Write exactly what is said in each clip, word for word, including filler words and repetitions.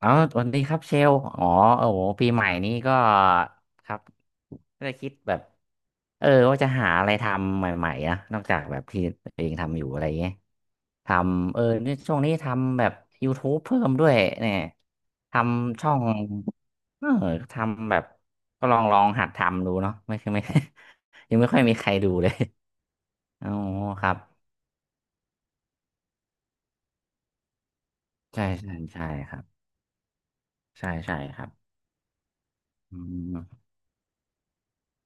อ๋อสวัสดีครับเชล อ๋อโอ้โห ปีใหม่นี้ก็ครับก็เลยคิดแบบเออว่าจะหาอะไรทำใหม่ๆนะนอกจากแบบที่ตัวเองทำอยู่อะไรเงี้ยทำเออเนี่ยช่วงนี้ทำแบบ YouTube เพิ่มด้วยเนี่ยทำช่องเออทำแบบก็ลองลองหัดทำดูเนาะไม่ใช่ไม่ ยังไม่ค่อยมีใครดูเลยอ๋อครับใช่ใช่ใช่ครับใช่ใช่ครับอืม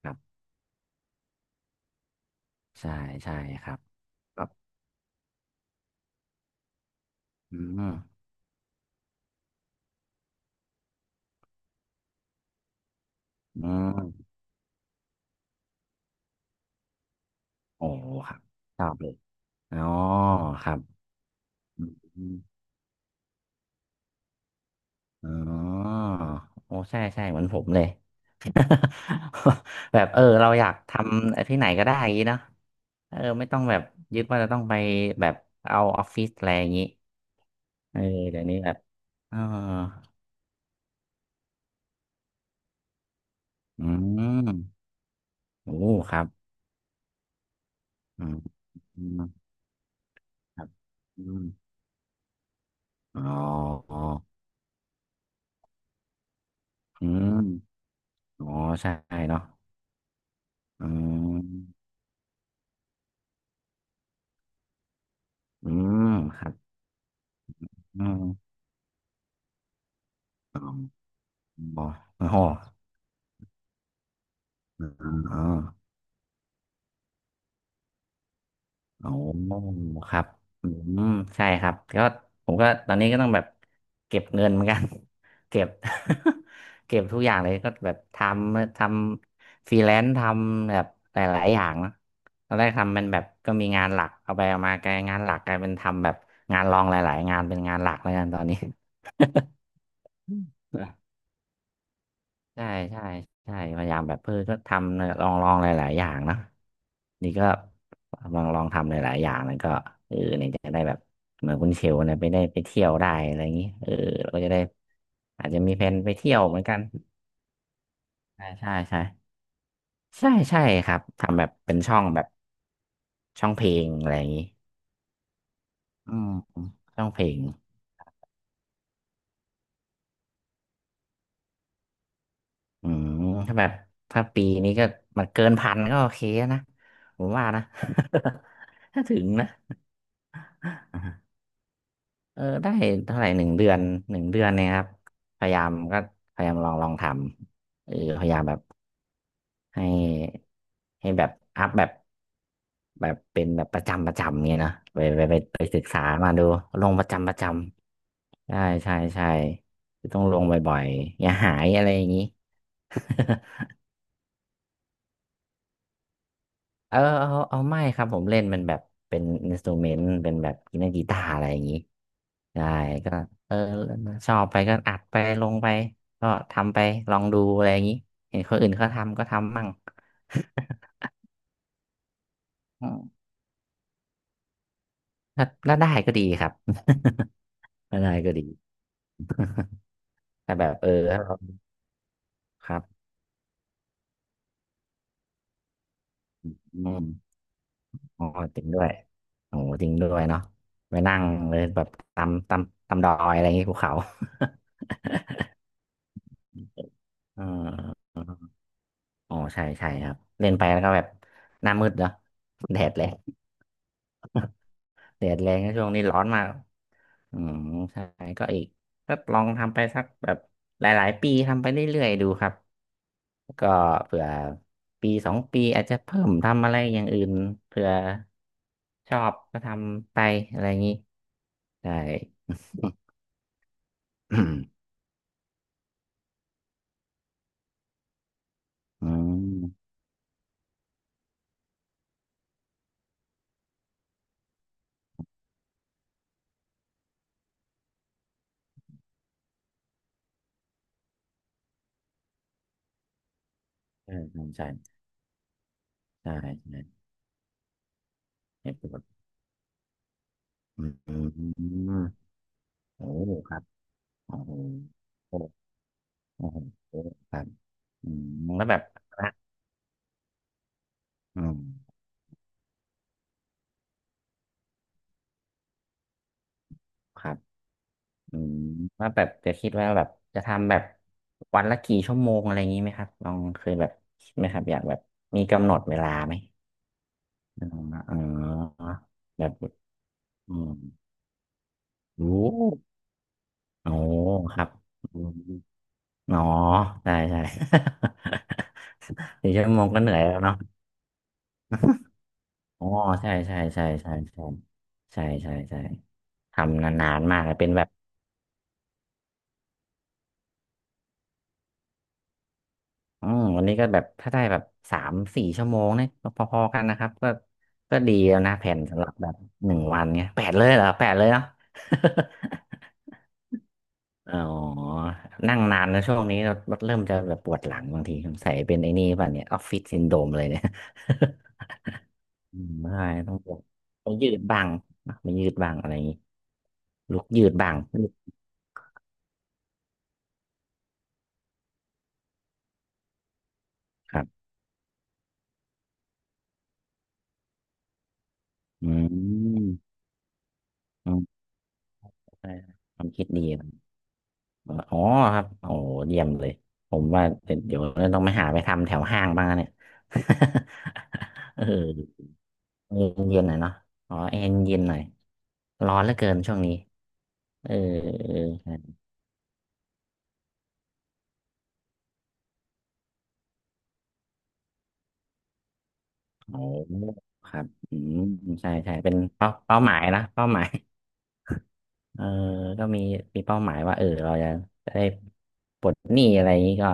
ครับใช่ใช่ครับครับอืม อืมโอ้ครับครับเลยอ๋อครับอืมอ๋อโอ้ใช่ใช่เหมือนผมเลย แบบเออเราอยากทำที่ไหนก็ได้อย่างนี้เนาะเออไม่ต้องแบบยึดว่าจะต้องไปแบบเอาออฟฟิศอะไรอย่างนี้เออเดี๋ยวนี้แบบเอออืมโอ้ครับอืมอืมครับอืมอ๋ออ๋ออืมอ๋อใช่เนาะอืม อืมครับอืม อ๋ออ๋ออ๋ออ๋อครับอืมใช่ครับก็ผมก็ตอนนี้ก็ต้องแบบเก็บเงินเหมือนกัน เก็บ เก็บทุกอย่างเลยก็แบบทำทำฟรีแลนซ์ทำแบบหลายๆอย่างนะตอนแรกทำเป็นแบบก็มีงานหลักเอาไปเอามากลายงานหลักกลายเป็นทำแบบงานรองหลายๆงานเป็นงานหลักแล้วกันตอนนี้ ใช่ใช่ใช่พยายามแบบเพื่อก็ทำเนี่ยลองลองหลายๆอย่างเนอะนี่ก็ลองลองทำหลายๆอย่างแล้วก็เออเนี่ยจะได้แบบเหมือนคุณเชลเนี่ยไปได้ไปเที่ยวได้อะไรอย่างนี้เออเราก็จะได้อาจจะมีแผนไปเที่ยวเหมือนกันใช่ใช่ใช่ใช่ใช่ครับทำแบบเป็นช่องแบบช่องเพลงอะไรอย่างนี้อืมช่องเพลงอืมถ้าแบบถ้าปีนี้ก็มันเกินพันก็โอเคนะผมว่านะ ถ้าถึงนะ เออได้เท่าไหร่หนึ่งเดือนหนึ่งเดือนเนี่ยครับพยายามก็พยายามลองลองทำเออพยายามแบบให้ให้แบบอัพแบบแบบเป็นแบบประจำประจำเงี้ยนะไปไปไปไปศึกษามาดูลงประจำประจำใช่ใช่ใช่คือต้องลงบ่อยๆอย่าหายอะไรอย่างนี้ เออเอาเอาไม่ครับผมเล่นมันแบบเป็นอินสตูเมนต์เป็นแบบเล่นกีตาร์อะไรอย่างนี้ใช่ก็เออชอบไปก็อัดไปลงไปก็ทำไปลองดูอะไรอย่างนี้เห็นคนอื่นเขาทำก็ทำมั่ง อืมถ้าถ้าได้ก็ดีครับ ถ้าได้ก็ดีแต่แบบเออถ้าเราครับอืมอ๋อจริงด้วยโอ้โหจริงด้วยเนาะไปนั่งเลยแบบตำตำตำดอยอะไรอย่างนี้ภูเขา เออ อ๋อใช่ใช่ครับเล่นไปแล้วก็แบบหน้ามืดเนาะแดดแรงแดดแรงนะช่วงนี้ร้อนมากอืมใช่ก็อีกก็ลองทำไปสักแบบหลายๆปีทำไปเรื่อยๆดูครับก็เผื่อปีสองปีอาจจะเพิ่มทำอะไรอย่างอื่นเผื่อชอบก็ทำไปอะไรอย่างนี้ใช่ อืมใช่ครับใช่ใช่ใช่ไม่ปวดอืมโอ้โหครับโอ้โห โอ้โหครับอืมแล้วแบบนะอืมครับอืมแล้วแบบจะคิดว่าแบบจะทำแบบวันละกี่ชั่วโมงอะไรอย่างนี้ไหมครับลองเคยแบบคิดไหมครับอยากแบบมีกำหนดเวลาไหมอ๋ออ๋อแบบอืมรู้โอ้ครับอมอ๋อใช่ใช่ สี่ชั่วโมงก็เหนื่อยแล้วเนาะอ๋อใช่ใช่ใช่ใช่ใช่ใช่ใช่ใช่ทำนานๆมากเลยเป็นแบบ อืมวันนี้ก็แบบถ้าได้แบบสามสี่ชั่วโมงเนี่ยก็พอๆกันนะครับก็ก็ดีแล้วนะแผนสำหรับแบบหนึ่งวันเนี่ยแปดเลยเหรอแปดเลยเนาะ อ๋อนั่งนานนะช่วงนี้เราเริ่มจะแบบปวดหลังบางทีสงสัยเป็นไอ้นี่ป่ะเนี่ยออฟฟิศซินโดรมเลยเนี่ย อืมใช่ต้องแบบต้องยืดบ้างนะไม่ยืดบ้างอะไรอย่างนี้ลุกยืดบ้างครับอืมอืมใช่ความคิดดี อ๋อครับโอ้เยี่ยมเลยผมว่าเดี๋ยวต้องไปหาไปทำแถวห้างบ้างนะเนี่ย เออเย็นๆหน่อยเนาะอ๋อแอร์เย็นหน่อยร้อนเหลือเกินช่วงนี้เออเออครับโอ้ครับอืมใช่ใช่เป็นเป้าเป้าหมายนะเป้าหมาย เออก็มีมีเป้าหมายว่าเออเราจะจะได้ปลดหนี้อะไรอย่างนี้ก็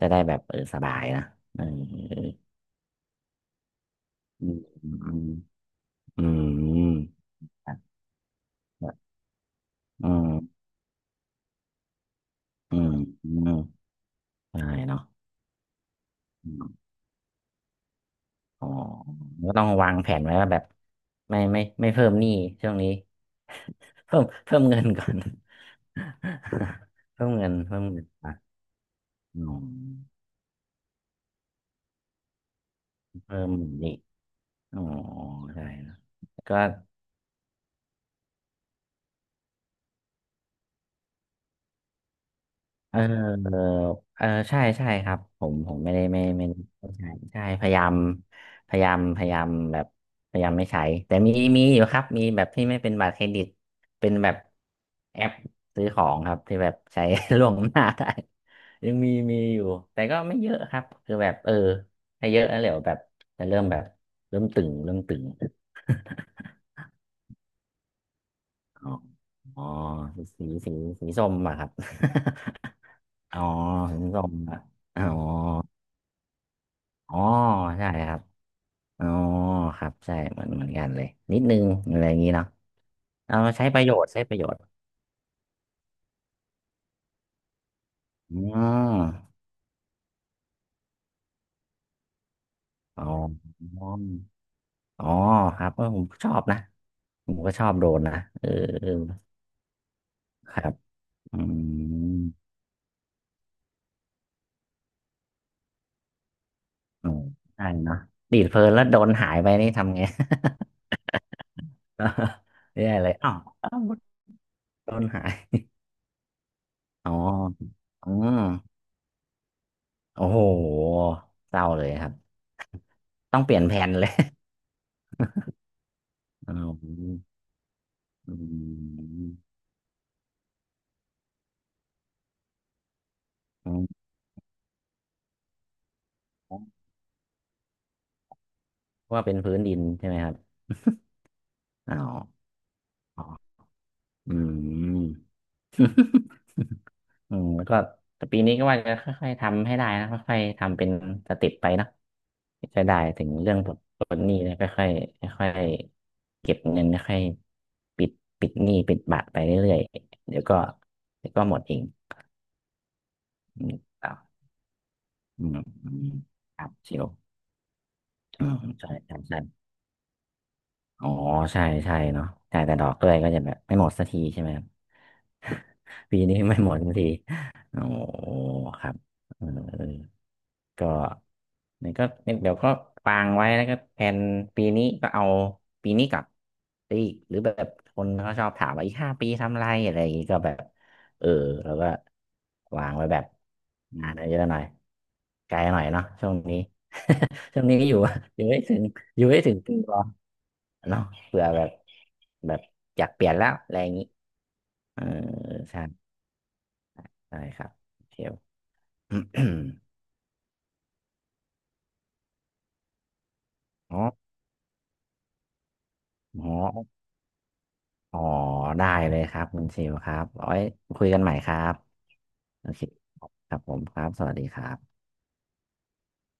จะได้แบบเออสบายนะเอออืมอืมอืม อืมอืมอืมใช่เนาะอืมอ๋อก็ต้องวางแผนไว้ว่าแบบไม่ไม่ไม่เพิ่มหนี้ช่วงนี้ เพิ่มเพิ่มเงินก่อน เพิ่มเงินเพิ่มเงินอ่ะอื๋อมเพิ่มหนี้อ๋อใช่เนอะก็ เออเออใช่ใช่ครับผมผมไม่ได้ไม่ไม่ไม่ใช่ใช่พยายามพยายามพยายามแบบพยายามไม่ใช้แต่มีมีอยู่ครับมีแบบที่ไม่เป็นบัตรเครดิตเป็นแบบแอปซื้อของครับที่แบบใช้ ล่วงหน้าได้ยังมีมีอยู่แต่ก็ไม่เยอะครับคือแบบเออถ้าเยอะแล้วเดี๋ยวแบบจะเริ่มแบบเริ่มตึงเริ่มตึงอ๋ออ๋อสีสีสีส้มอะครับ อ๋อสีส้มอะอ๋อ อ๋อใช่ครับอ๋อครับใช่เหมือนเหมือนกันเลยนิดนึงอะไรอย่างนี้เนาะเอามาใช้ประโยชน์ใช้ประโยชน์อ๋ออ๋ออ๋อครับเออผมชอบนะผมก็ชอบโดรนนะเออเออครับอืมอืมใช่เนาะดีดเพลินแล้วโดรนหายไปนี่ทำไง ไม่ไเลยอ้าวอ้าวโดรนหายอ๋ออืมโอ้โหเศร้าเลยครับต้องเปลี่ยนแผนเลย อ๋ออืม อืว่าเป็นพื้นดินใช่ไหมครับอ๋ออ๋ออืม อืมแล้วก็แต่ปีนี้ก็ว่าจะค่อยๆทำให้ได้นะค่อยๆทำเป็นสเต็ปไปเนอะจะได้ถึงเรื่องผลผลหนี้นะค่อยๆค่อยๆเก็บเงินค่อยๆปิดปิดหนี้ปิดบัตรไปเรื่อยๆเดี๋ยวก็เดี๋ยวก็หมดเองอืมครับอืมอืมครับเชียวอืมใช่ใช่ใช่อ๋อใช่ใช่เนาะใช่แต่ดอกด้วยก็จะแบบไม่หมดสักทีใช่ไหม ปีนี้ไม่หมดสักทีโอ้ครับเออก็นี่ก็เดี๋ยวก็วางไว้แล้วก็แผนปีนี้ก็เอาปีนี้กลับไปอีกหรือแบบคนเขาชอบถามว่าอีกห้าปีทำอะไรอะไรอย่างงี้ก็แบบเออแล้วก็วางไว้แบบงานเยอะหน่อยไกลหน่อยเนาะช่วงนี้ ช่วงนี้อยู่อยู่ให้ถึงอยู่ให้ถึงปีก่อนเนาะเผื่อแบบแบบอยากเปลี่ยนแล้วอะไรอย่างงี้เออใช่ ได้ครับเชล อ๋ออ๋ออ๋อได้เลยครับคุณเชลครับเอาไว้คุยกันใหม่ครับโอเคครับผมครับสวัสดีครับ